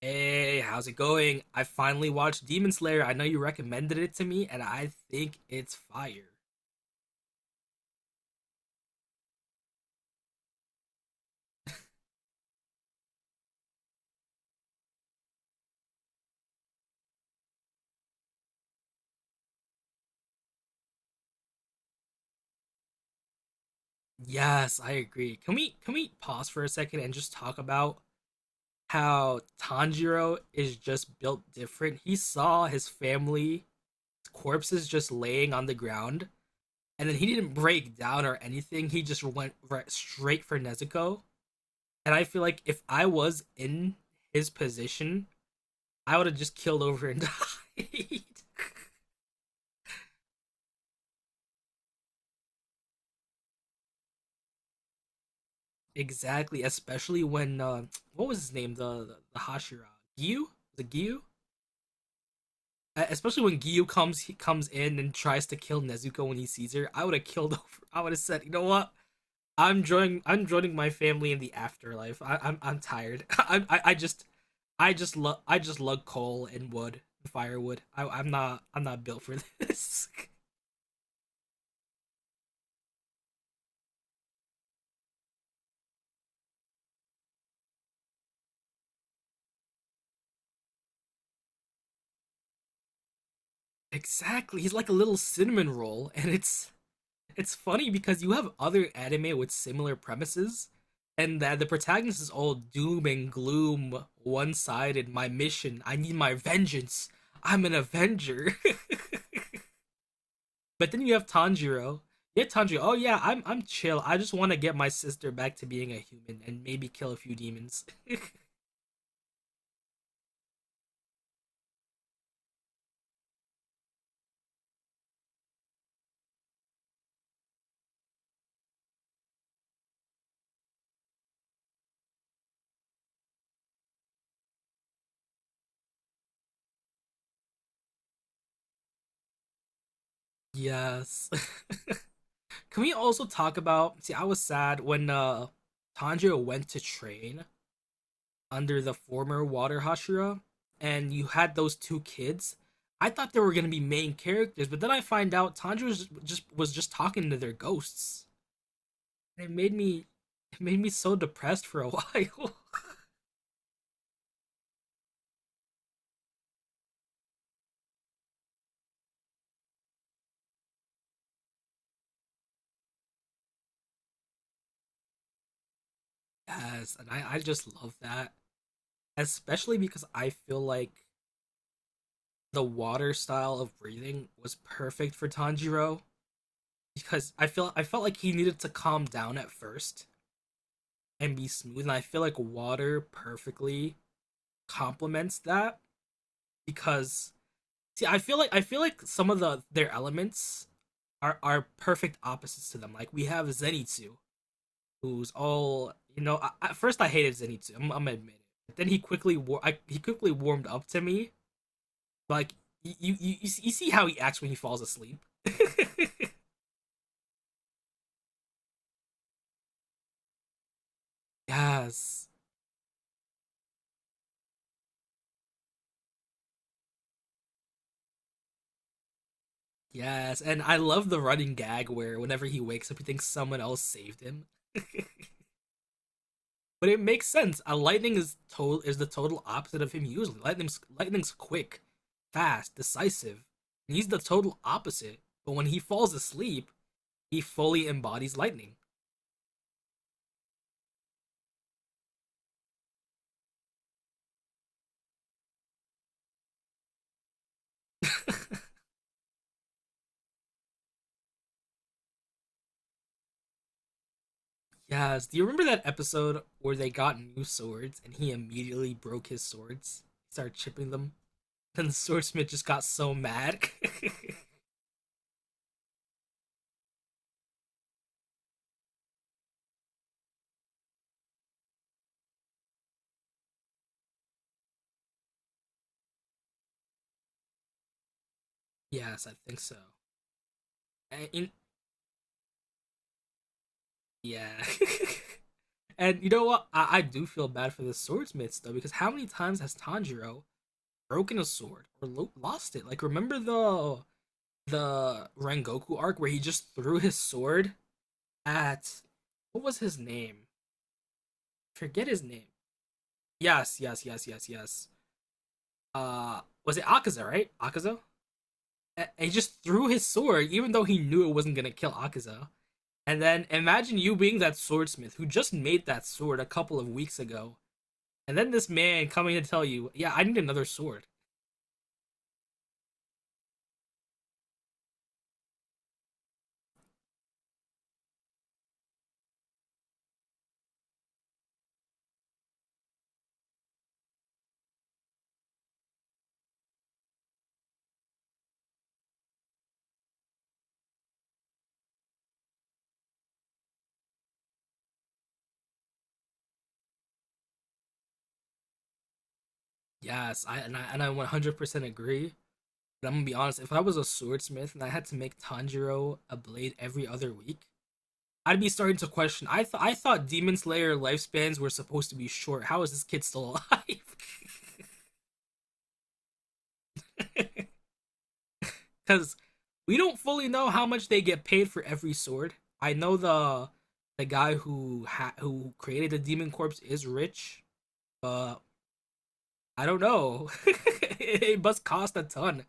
Hey, how's it going? I finally watched Demon Slayer. I know you recommended it to me, and I think it's fire. Yes, I agree. Can we pause for a second and just talk about how Tanjiro is just built different? He saw his family corpses just laying on the ground, and then he didn't break down or anything. He just went right straight for Nezuko. And I feel like if I was in his position, I would have just killed over and died. Exactly, especially when what was his name? The Hashira Gyu, the Gyu. Especially when Gyu comes, he comes in and tries to kill Nezuko when he sees her. I would have killed over. I would have said, you know what? I'm joining. I'm joining my family in the afterlife. I'm tired. I just love. I just love coal and wood, and firewood. I'm not. I'm not built for this. Exactly. He's like a little cinnamon roll, and it's. It's funny because you have other anime with similar premises, and that the protagonist is all doom and gloom, one sided. My mission, I need my vengeance. I'm an Avenger. But then you have Tanjiro. You have Tanjiro. Oh yeah, I'm chill. I just want to get my sister back to being a human and maybe kill a few demons. Yes. Can we also talk about? See, I was sad when Tanjiro went to train under the former Water Hashira, and you had those two kids. I thought they were gonna be main characters, but then I find out Tanjiro was just talking to their ghosts. It made me it made me so depressed for a while. Yes, and I just love that. Especially because I feel like the water style of breathing was perfect for Tanjiro. Because I felt like he needed to calm down at first and be smooth, and I feel like water perfectly complements that because see, I feel like some of the their elements are perfect opposites to them. Like we have Zenitsu, who's all you know. At first, I hated Zenitsu. I'm admit it. But then he quickly warmed up to me. Like you you, you you see how he acts when he falls asleep. Yes, yes, and I love the running gag where whenever he wakes up, he thinks someone else saved him. But it makes sense. A lightning is to- is the total opposite of him usually. Lightning's quick, fast, decisive. And he's the total opposite. But when he falls asleep, he fully embodies lightning. Yes. Do you remember that episode where they got new swords and he immediately broke his swords? He started chipping them. Then the swordsmith just got so mad. Yes, I think so. And in- yeah. And you know what? I do feel bad for the swordsmiths though, because how many times has Tanjiro broken a sword or lost it. Like remember the Rengoku arc where he just threw his sword at what was his name? Forget his name. Yes, yes, yes, yes, yes. Was it Akaza? Right, Akaza. And he just threw his sword, even though he knew it wasn't gonna kill Akaza. And then imagine you being that swordsmith who just made that sword a couple of weeks ago, and then this man coming to tell you, "Yeah, I need another sword." Yes, I and I 100% agree. But I'm gonna be honest, if I was a swordsmith and I had to make Tanjiro a blade every other week, I'd be starting to question. I thought Demon Slayer lifespans were supposed to be short. How is this kid still alive? Because we don't fully know how much they get paid for every sword. I know the guy who who created the Demon Corpse is rich, but I don't know. It must cost a ton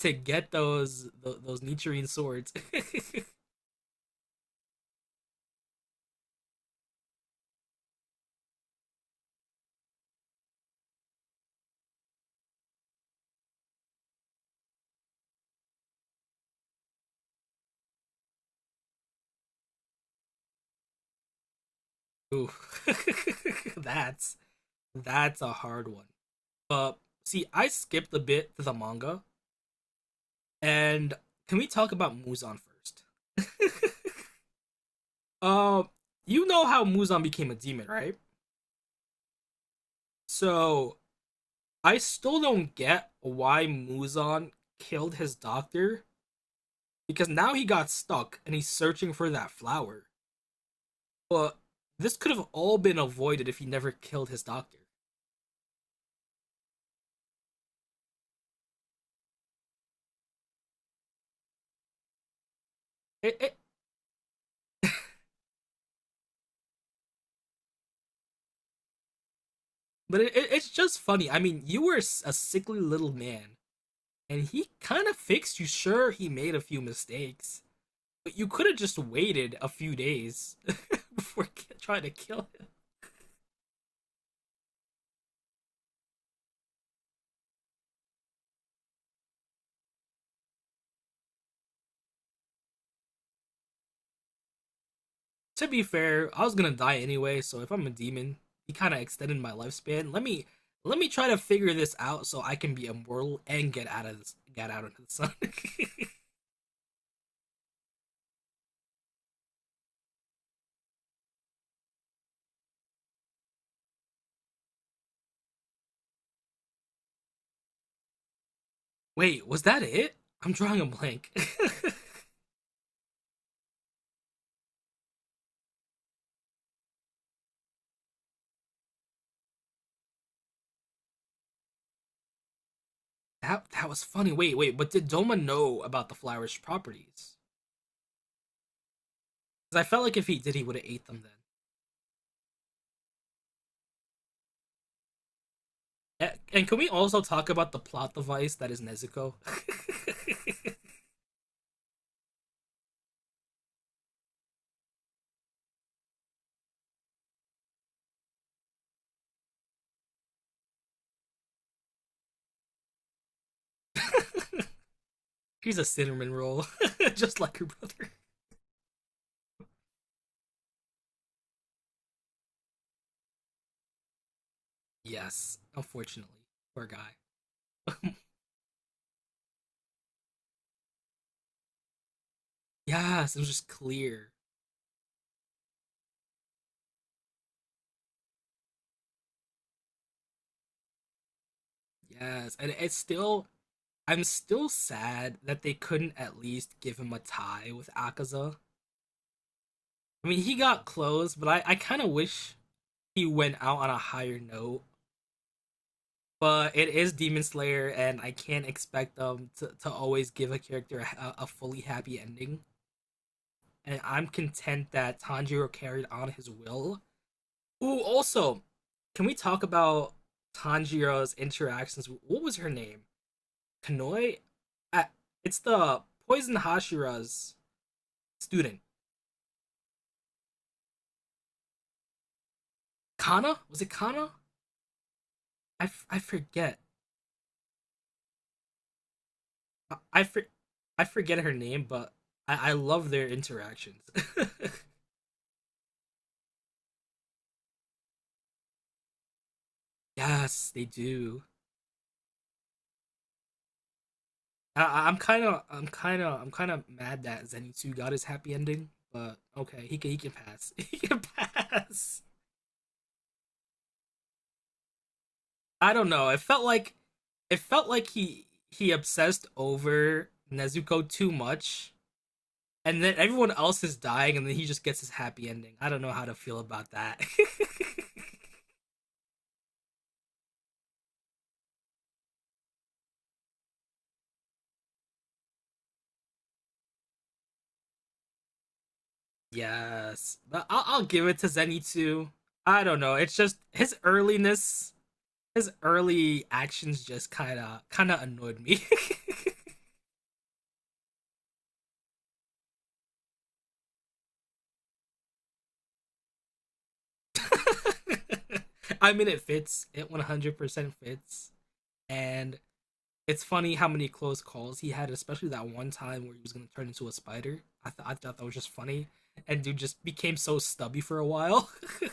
to get those Nichiren swords. Ooh, that's That's a hard one. But see, I skipped a bit to the manga, and can we talk about Muzan first? Um, you know how Muzan became a demon, right? So I still don't get why Muzan killed his doctor because now he got stuck and he's searching for that flower. But this could have all been avoided if he never killed his doctor. It, it, but it's just funny. I mean, you were a sickly little man and he kind of fixed you. Sure, he made a few mistakes, but you could have just waited a few days before trying to kill him. To be fair, I was gonna die anyway, so if I'm a demon, he kind of extended my lifespan. Let me try to figure this out so I can be immortal and get out of this, get out into the sun. Wait, was that it? I'm drawing a blank. That that was funny. Wait, wait, but did Doma know about the flowers' properties? Because I felt like if he did, he would have ate them then. And can we also talk about the plot device that is Nezuko? He's a cinnamon roll, just like her brother. Yes, unfortunately, poor guy. Yes, it was just clear. Yes, and it's still. I'm still sad that they couldn't at least give him a tie with Akaza. I mean, he got close, but I kind of wish he went out on a higher note, but it is Demon Slayer, and I can't expect them to always give a character a fully happy ending. And I'm content that Tanjiro carried on his will. Ooh, also, can we talk about Tanjiro's interactions? With- what was her name? Kanoi? Uh, it's the Poison Hashira's student. Kana? Was it Kana? I forget. I, I, for- I forget her name, but I love their interactions. Yes, they do. I, I'm kind of, I'm kind of, I'm kind of mad that Zenitsu got his happy ending, but okay, he can pass. He can pass. I don't know. It felt like he obsessed over Nezuko too much, and then everyone else is dying, and then he just gets his happy ending. I don't know how to feel about that. Yes, but I'll give it to Zenitsu. I don't know. It's just his earliness, his early actions just kind of annoyed me. I mean, it fits. It 100% fits. And it's funny how many close calls he had, especially that one time where he was going to turn into a spider. I thought that was just funny. And dude just became so stubby for a while.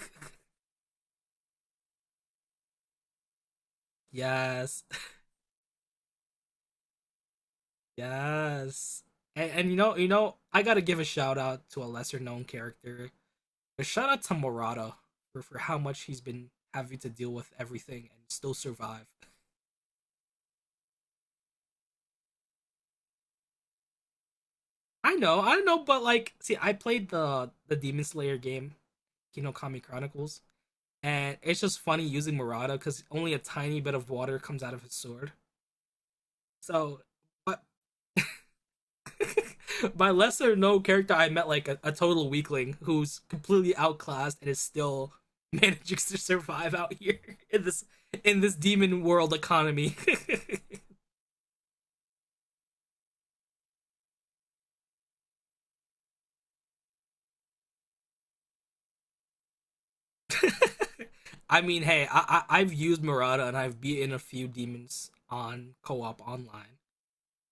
Yes. Yes. And you know, I gotta give a shout out to a lesser known character. But shout out to Morata for how much he's been having to deal with everything and still survive. I know, but like, see, I played the Demon Slayer game, Kinokami Chronicles, and it's just funny using Murata because only a tiny bit of water comes out of his sword. So, but by lesser known character, I met like a total weakling who's completely outclassed and is still managing to survive out here in this in this demon world economy. I mean, hey, I've used Murata and I've beaten a few demons on co-op online.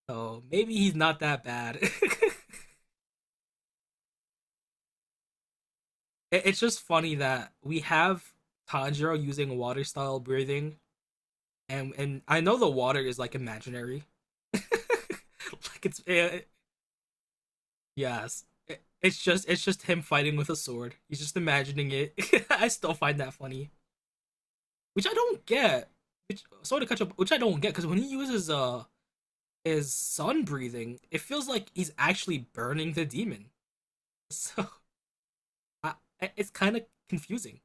So maybe he's not that bad. It's just funny that we have Tanjiro using water style breathing, and I know the water is like imaginary, like it's it, yes. It's just him fighting with a sword. He's just imagining it. I still find that funny, which I don't get. Which, sorry to catch up, which I don't get because when he uses his sun breathing, it feels like he's actually burning the demon. So I, it's kind of confusing.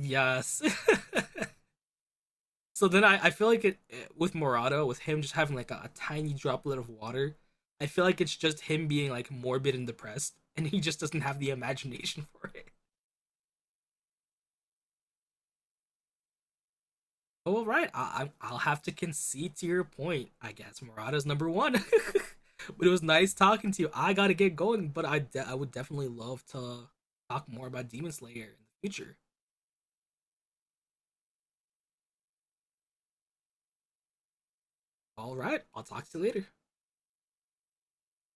Yes. So then I feel like with Morata, with him just having like a tiny droplet of water, I feel like it's just him being like morbid and depressed, and he just doesn't have the imagination for it. Oh, all right. I'll have to concede to your point. I guess Morata's number one. But it was nice talking to you. I gotta get going, but I would definitely love to talk more about Demon Slayer in the future. All right. I'll talk to you later.